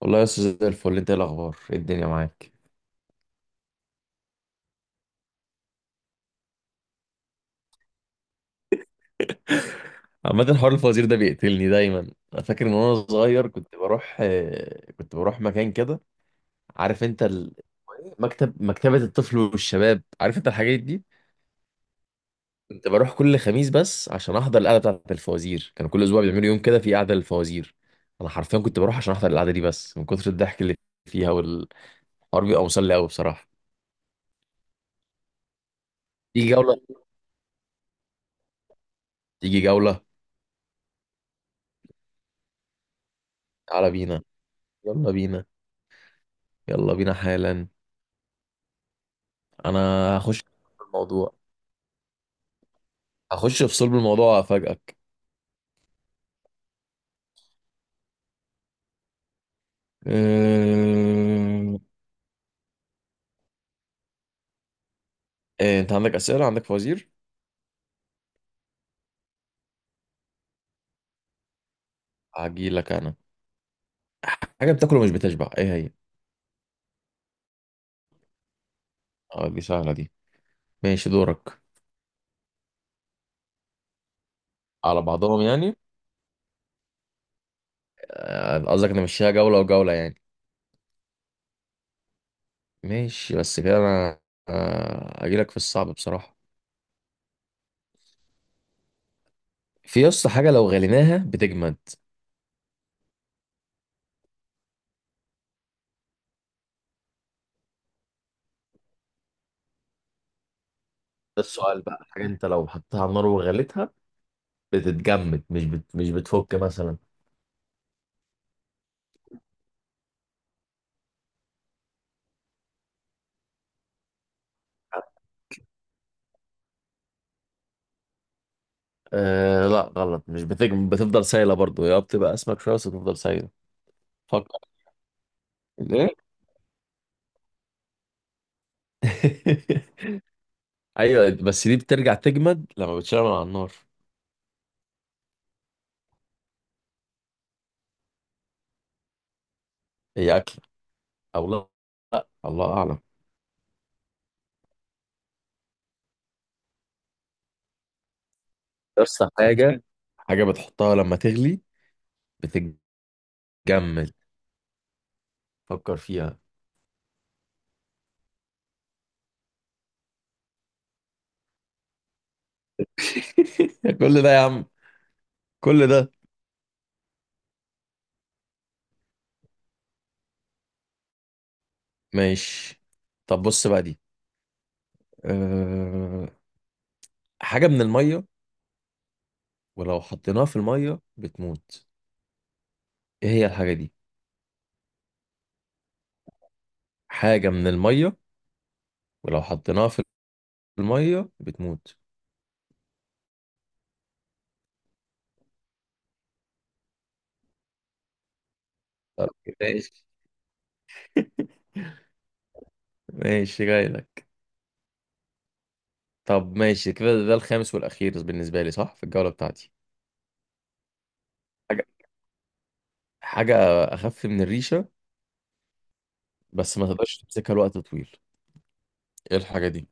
والله يا استاذ، زي الفل. انت ايه الاخبار؟ ايه الدنيا معاك؟ عامة، حوار الفوازير ده بيقتلني دايما. انا فاكر ان وانا صغير كنت بروح مكان كده. عارف انت مكتبة الطفل والشباب؟ عارف انت الحاجات دي؟ كنت بروح كل خميس بس عشان احضر القعدة بتاعة الفوازير. كان كل اسبوع بيعملوا يوم كده في قعدة للفوازير. انا حرفيا كنت بروح عشان احضر القعدة دي بس من كتر الضحك اللي فيها، والحوار بيبقى مسلي قوي بصراحة. تيجي جولة؟ تيجي جولة؟ تعالى بينا. يلا بينا. يلا بينا حالا. انا هخش في الموضوع. هخش في صلب الموضوع وافاجئك. أه... إيه، انت عندك اسئله؟ عندك فوازير؟ هجيلك انا. حاجه بتاكله مش بتشبع، ايه هي؟ اه، دي سهله دي. ماشي، دورك. على بعضهم يعني؟ آه، قصدك انا مشيها جوله وجوله يعني. ماشي. بس كده انا هجيلك في الصعب بصراحه. في يسطا حاجه لو غليناها بتجمد. ده السؤال بقى. حاجه انت لو حطيتها على النار وغليتها بتتجمد، مش بتفك مثلا. أه، لا غلط. مش بتجمد، بتفضل سايله برضو، يا بتبقى اسمك شويه بس بتفضل سايله. فكر. ايه؟ ايوه بس دي بترجع تجمد لما بتشتغل على النار. هي اكله او لا، الله اعلم. بس حاجه، حاجه بتحطها لما تغلي بتتجمد. فكر فيها. كل ده يا عم، كل ده. ماشي. طب بص بقى دي. أه... حاجه من الميه ولو حطيناها في الميه بتموت، ايه هي الحاجه دي؟ حاجه من الميه، ولو حطيناها في الميه بتموت. طب ماشي. ماشي جاي. طب ماشي كده، ده الخامس والاخير بالنسبه لي صح في الجوله بتاعتي. حاجة، حاجه اخف من الريشه بس ما تقدرش تمسكها لوقت طويل، ايه الحاجه دي؟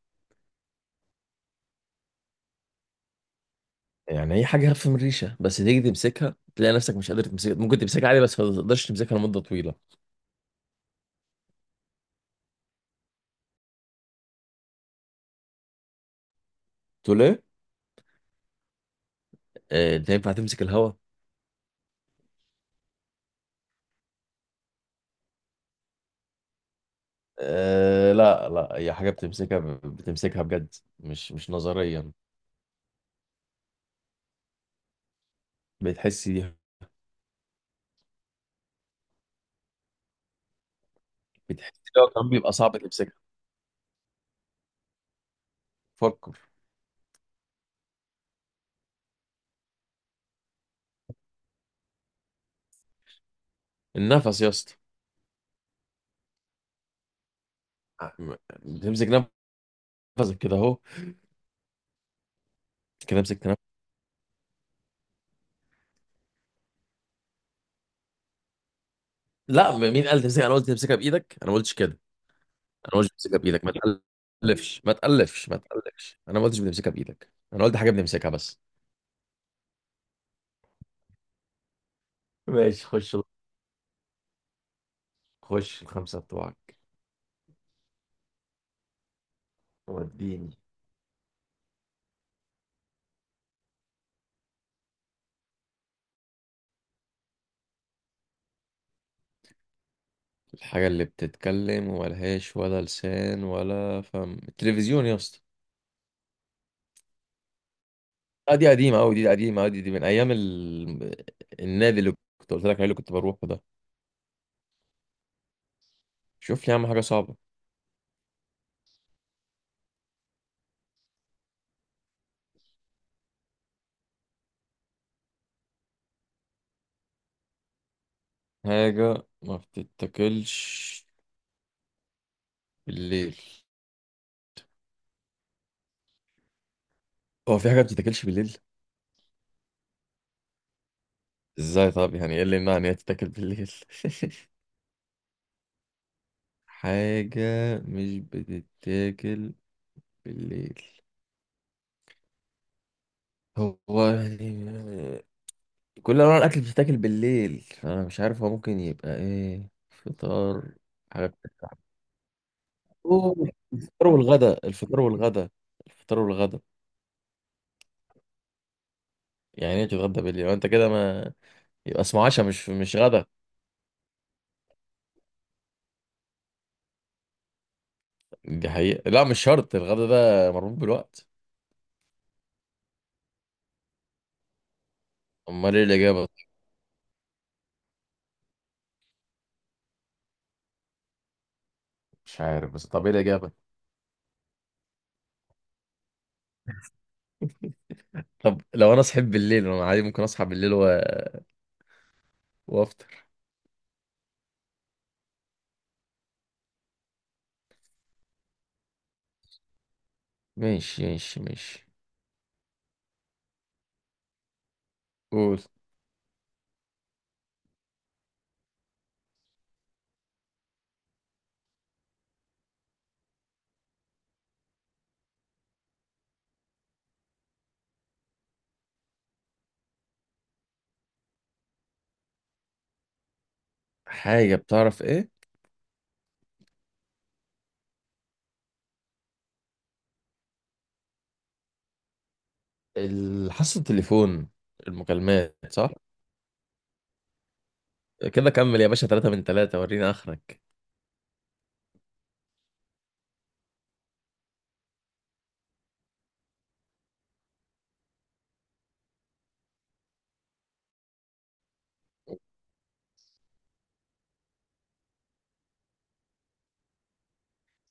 يعني هي حاجه اخف من الريشه بس تيجي تمسكها تلاقي نفسك مش قادر تمسكها. ممكن تمسكها عادي بس ما تقدرش تمسكها لمده طويله. تقول ايه؟ آه، انت ينفع تمسك الهوا؟ آه، لا لا، هي حاجه بتمسكها، بتمسكها بجد، مش نظريا. بتحس دي، بتحس إن هو كمان بيبقى صعب تمسكها. فكر. النفس يا اسطى. بتمسك نفسك كده اهو. كده امسك. لا، مين قال تمسكها؟ انا قلت تمسكها بايدك؟ انا ما قلتش كده. انا ما قلتش تمسكها بايدك. ما تقلفش. انا ما قلتش بنمسكها بايدك، انا قلت حاجه بنمسكها بس. ماشي خش، خش الخمسة بتوعك. وديني. الحاجه اللي بتتكلم وملهاش ولا لسان ولا فم، التلفزيون يا اسطى. آه، دي قديمه قوي، دي قديمه قوي، دي من ايام النادي اللي كنت قلت لك عليه، اللي كنت بروحه ده. شوف لي يا عم حاجه صعبه. حاجه ما بتتاكلش بالليل. هو في حاجه ما بتتاكلش بالليل؟ ازاي؟ طب يعني ايه اللي يمنع ان هي تتاكل بالليل؟ حاجة مش بتتاكل بالليل، هو يعني كل انواع الاكل بتتاكل بالليل؟ انا مش عارف، هو ممكن يبقى ايه، فطار؟ حاجة بتتعب. أوه، الفطار والغدا. يعني ايه تتغدى بالليل وانت كده ما، يبقى اسمه عشاء مش غدا. دي حقيقة، لا مش شرط، الغدا ده مربوط بالوقت. امال ايه الاجابة؟ مش عارف، بس طب ايه الاجابة؟ طب لو انا صحيت بالليل انا عادي ممكن اصحى بالليل وافطر. ماشي ماشي ماشي. قول. حاجة بتعرف ايه؟ حاسة التليفون، المكالمات، صح؟ كده كمل يا باشا، 3 من 3، وريني اخرك.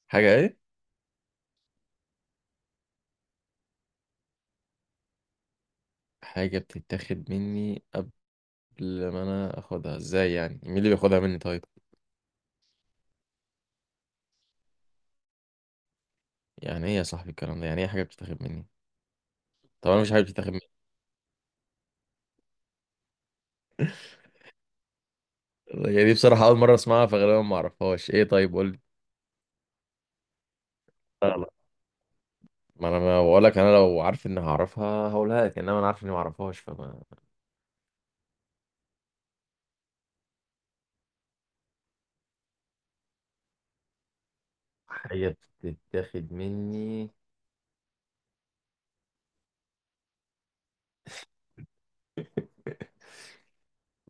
حاجة ايه؟ حاجة بتتاخد مني قبل ما انا اخدها، ازاي يعني؟ مين اللي بياخدها مني طيب؟ يعني ايه يا صاحبي الكلام ده؟ يعني ايه حاجة بتتاخد مني؟ طب انا مش حاجة بتتاخد مني. يعني دي بصراحة اول مرة اسمعها فغالبا ما اعرفهاش، ايه؟ طيب قول لي. ما انا ما بقول لك، انا لو عارف اني هعرفها هقولها لك، انما انا عارف اني ما اعرفهاش فما. حاجه بتتاخد مني،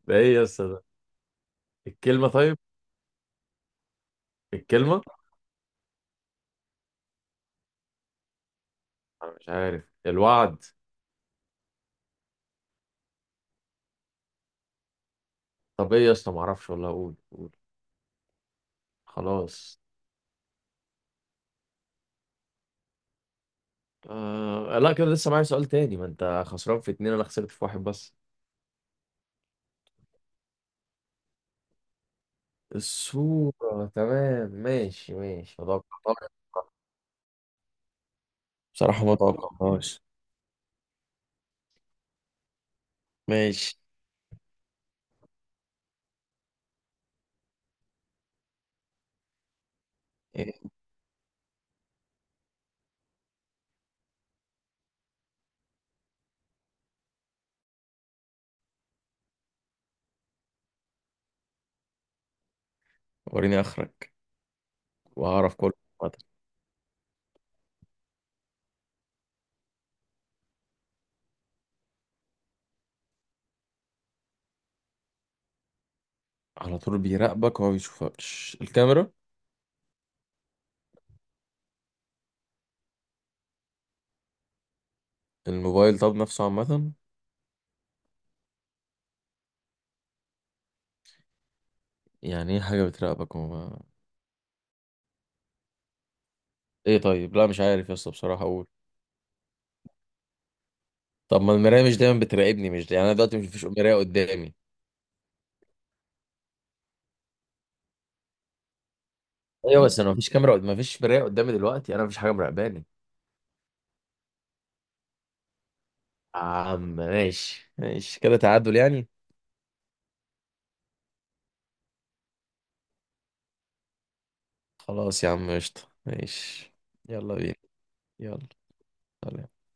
ده ايه يا اسطى ده؟ الكلمه؟ طيب الكلمه. انا مش عارف، الوعد؟ طب ايه يا اسطى، ما اعرفش والله، اقول قول. خلاص. آه لا، كده لسه معايا سؤال تاني، ما انت خسران في اتنين انا خسرت في واحد بس. الصوره، تمام ماشي ماشي، متوقعتهاش. بصراحه ما توقعتهاش. ماشي. إيه، وريني اخرك وهعرف كله عامة. على طول بيراقبك وما بيشوفكش، الكاميرا؟ الموبايل طب، نفسه عامة. يعني ايه حاجة بتراقبك وما، ايه؟ طيب لا مش عارف يا اسطى بصراحة، اقول. طب ما المراية مش دايما بتراقبني، مش يعني انا دلوقتي مش مفيش مراية قدامي. ايوه بس انا مفيش كاميرا مفيش مراية قدامي دلوقتي، انا مفيش حاجة مراقباني. يا عم ماشي ماشي كده، تعادل يعني. خلاص يا عم، قشطة، ماشي. يلا بينا. يلا. سلام.